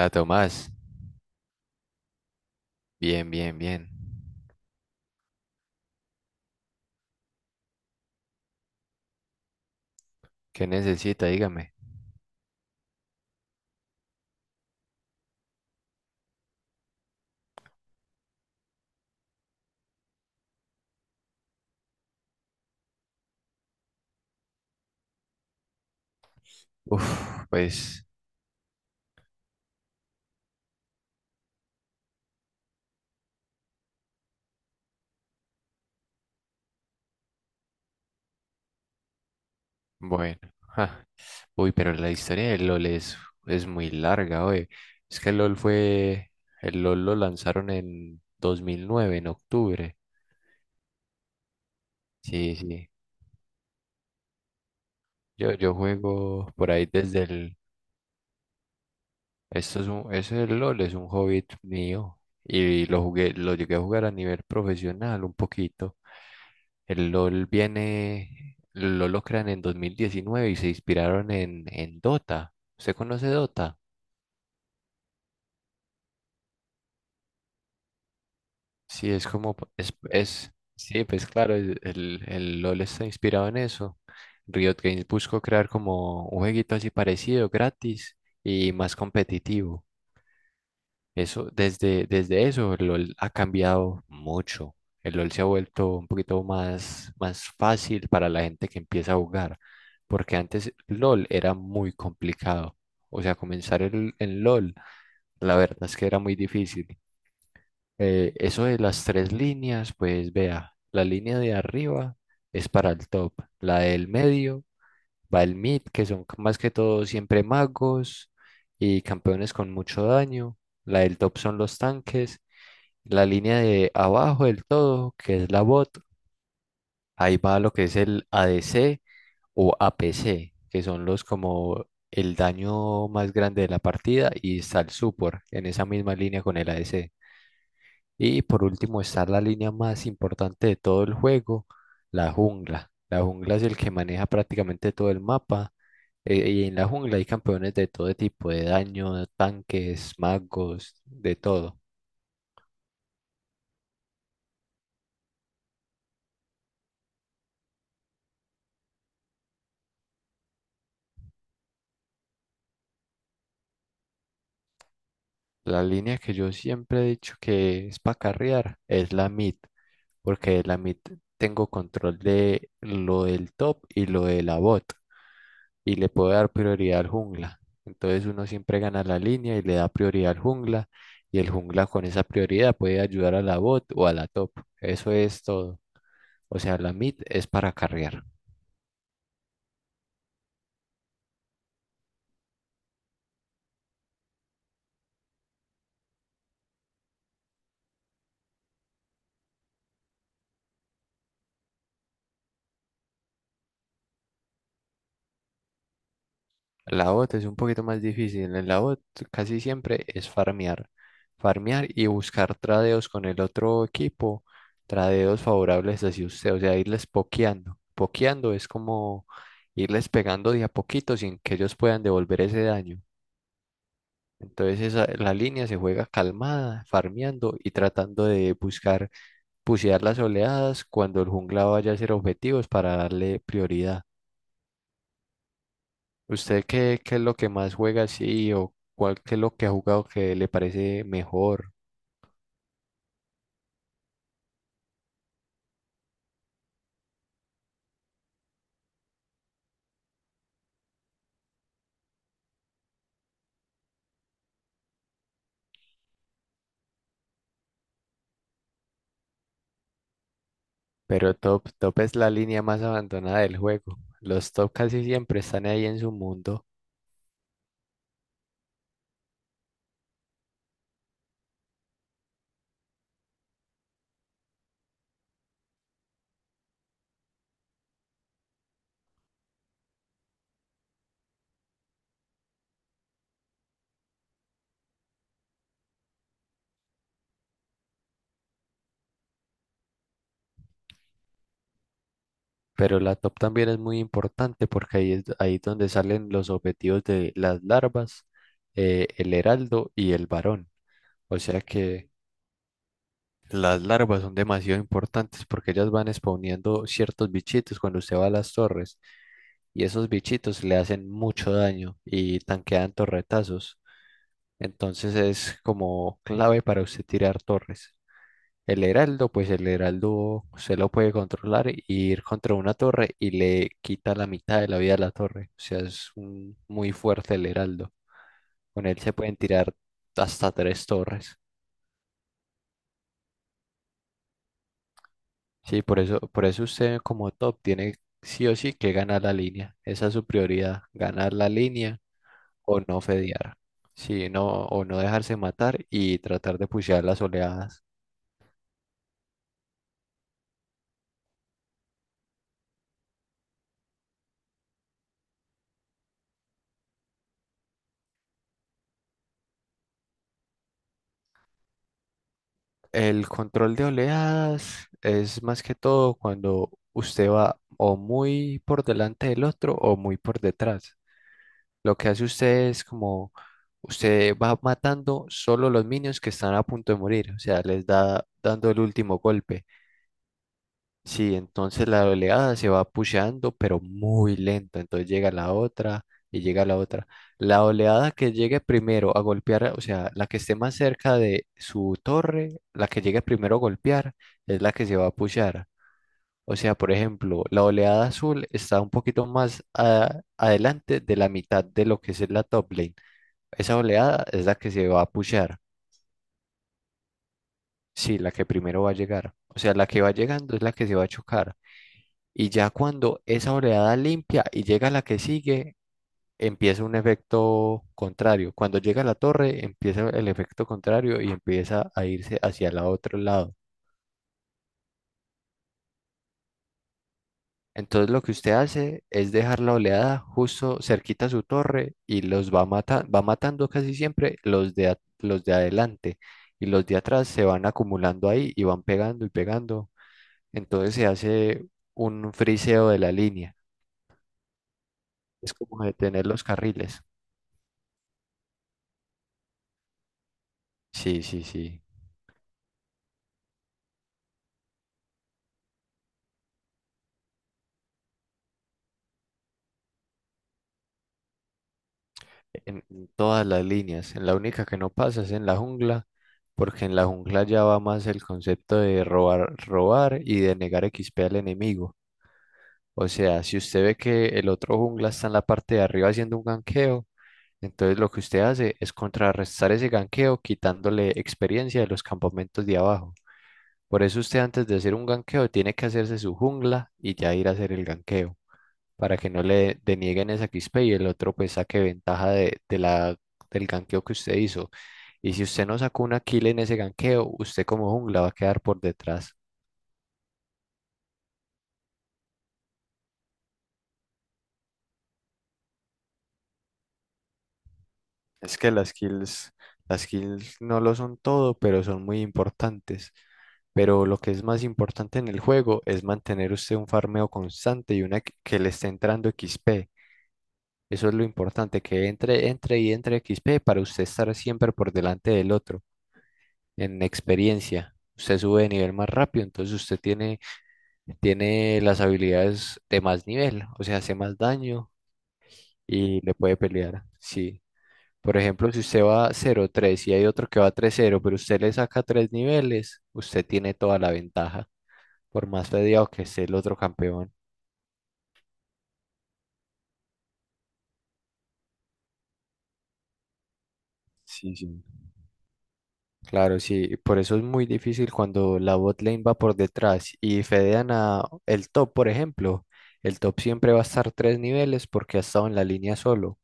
La Tomás. Bien, bien, bien. ¿Qué necesita? Dígame. Uf, pues, bueno. Ja. Uy, pero la historia de LOL es muy larga, oye. Es que LOL fue. El LOL lo lanzaron en 2009, en octubre. Sí, sí. Yo juego por ahí desde el. Eso del LOL es un hobby mío. Y lo llegué a jugar a nivel profesional un poquito. El LOL lo crean en 2019 y se inspiraron en Dota. ¿Usted conoce Dota? Sí, es como, sí, pues claro, el LOL está inspirado en eso. Riot Games buscó crear como un jueguito así parecido, gratis y más competitivo. Eso, desde eso, el LOL ha cambiado mucho. El LOL se ha vuelto un poquito más fácil para la gente que empieza a jugar, porque antes LOL era muy complicado. O sea, en LOL, la verdad es que era muy difícil. Eso de las tres líneas, pues vea, la línea de arriba es para el top, la del medio va el mid, que son más que todo siempre magos y campeones con mucho daño, la del top son los tanques, la línea de abajo del todo, que es la bot, ahí va lo que es el ADC o APC, que son los como el daño más grande de la partida, y está el support en esa misma línea con el ADC. Y por último está la línea más importante de todo el juego, la jungla. La jungla es el que maneja prácticamente todo el mapa. Eh, y en la jungla hay campeones de todo tipo, de daño, tanques, magos, de todo. La línea que yo siempre he dicho que es para carrear es la mid, porque de la mid tengo control de lo del top y lo de la bot, y le puedo dar prioridad al jungla. Entonces uno siempre gana la línea y le da prioridad al jungla, y el jungla con esa prioridad puede ayudar a la bot o a la top. Eso es todo. O sea, la mid es para carrear. La bot es un poquito más difícil. En la bot casi siempre es farmear. Farmear y buscar tradeos con el otro equipo. Tradeos favorables hacia usted. O sea, irles pokeando. Pokeando es como irles pegando de a poquito sin que ellos puedan devolver ese daño. La línea se juega calmada, farmeando y tratando de buscar pusear las oleadas cuando el jungla vaya a hacer objetivos para darle prioridad. ¿Usted qué, qué es lo que más juega así o cuál qué es lo que ha jugado que le parece mejor? Pero top, top es la línea más abandonada del juego. Los top casi siempre están ahí en su mundo, pero la top también es muy importante porque ahí es donde salen los objetivos de las larvas, el heraldo y el varón. O sea que las larvas son demasiado importantes porque ellas van spawneando ciertos bichitos cuando usted va a las torres y esos bichitos le hacen mucho daño y tanquean torretazos. Entonces es como clave para usted tirar torres. El heraldo, pues el heraldo se lo puede controlar y ir contra una torre y le quita la mitad de la vida a la torre. O sea, muy fuerte el heraldo. Con él se pueden tirar hasta tres torres. Sí, por eso usted como top tiene sí o sí que ganar la línea. Esa es su prioridad, ganar la línea o no fedear. Sí, no, o no dejarse matar y tratar de pushear las oleadas. El control de oleadas es más que todo cuando usted va o muy por delante del otro o muy por detrás. Lo que hace usted es como usted va matando solo los minions que están a punto de morir, o sea, les da dando el último golpe. Sí, entonces la oleada se va pusheando, pero muy lento. Entonces llega la otra y llega la otra. La oleada que llegue primero a golpear, o sea, la que esté más cerca de su torre, la que llegue primero a golpear, es la que se va a pushear. O sea, por ejemplo, la oleada azul está un poquito adelante de la mitad de lo que es la top lane. Esa oleada es la que se va a pushear. Sí, la que primero va a llegar. O sea, la que va llegando es la que se va a chocar. Y ya cuando esa oreada limpia y llega la que sigue, empieza un efecto contrario. Cuando llega a la torre, empieza el efecto contrario y empieza a irse hacia el otro lado. Entonces lo que usted hace es dejar la oleada justo cerquita a su torre y los va va matando casi siempre los de adelante y los de atrás se van acumulando ahí y van pegando y pegando. Entonces se hace un friseo de la línea. Es como detener los carriles. Sí, sí, sí. En todas las líneas. En la única que no pasa es en la jungla, porque en la jungla ya va más el concepto de robar, robar y de negar XP al enemigo. O sea, si usted ve que el otro jungla está en la parte de arriba haciendo un ganqueo, entonces lo que usted hace es contrarrestar ese ganqueo quitándole experiencia de los campamentos de abajo. Por eso usted antes de hacer un ganqueo tiene que hacerse su jungla y ya ir a hacer el ganqueo para que no le denieguen esa XP y el otro pues saque ventaja de la, del ganqueo que usted hizo. Y si usted no sacó una kill en ese ganqueo, usted como jungla va a quedar por detrás. Es que las kills no lo son todo, pero son muy importantes. Pero lo que es más importante en el juego es mantener usted un farmeo constante y una que le esté entrando XP. Eso es lo importante, que entre, entre y entre XP para usted estar siempre por delante del otro. En experiencia. Usted sube de nivel más rápido, entonces usted tiene, tiene las habilidades de más nivel, o sea, hace más daño y le puede pelear. Sí. Por ejemplo, si usted va 0-3 y hay otro que va 3-0 pero usted le saca tres niveles, usted tiene toda la ventaja, por más fedeado que esté el otro campeón. Sí, sí. Claro, sí, por eso es muy difícil cuando la bot lane va por detrás y fedean a el top, por ejemplo. El top siempre va a estar tres niveles porque ha estado en la línea solo.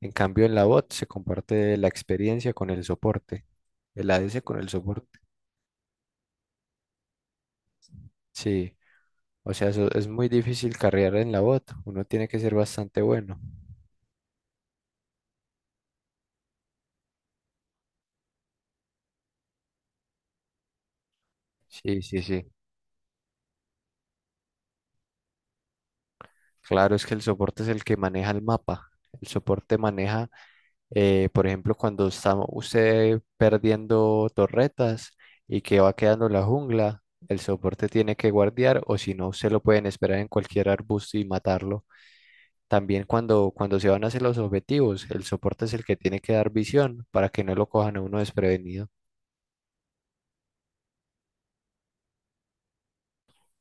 En cambio, en la bot se comparte la experiencia con el soporte, el ADC con el soporte. Sí, o sea, eso es muy difícil carrear en la bot, uno tiene que ser bastante bueno. Sí, sí, sí. Claro, es que el soporte es el que maneja el mapa. El soporte maneja, por ejemplo, cuando está usted perdiendo torretas y que va quedando la jungla, el soporte tiene que guardiar o si no, se lo pueden esperar en cualquier arbusto y matarlo. También cuando se van a hacer los objetivos, el soporte es el que tiene que dar visión para que no lo cojan a uno desprevenido.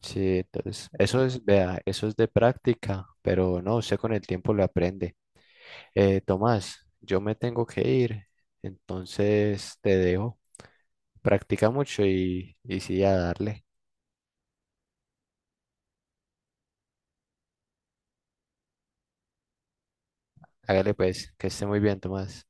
Sí, entonces, eso es, vea, eso es de práctica, pero no, usted con el tiempo lo aprende. Tomás, yo me tengo que ir, entonces te dejo. Practica mucho y sí, a darle. Hágale pues, que esté muy bien, Tomás.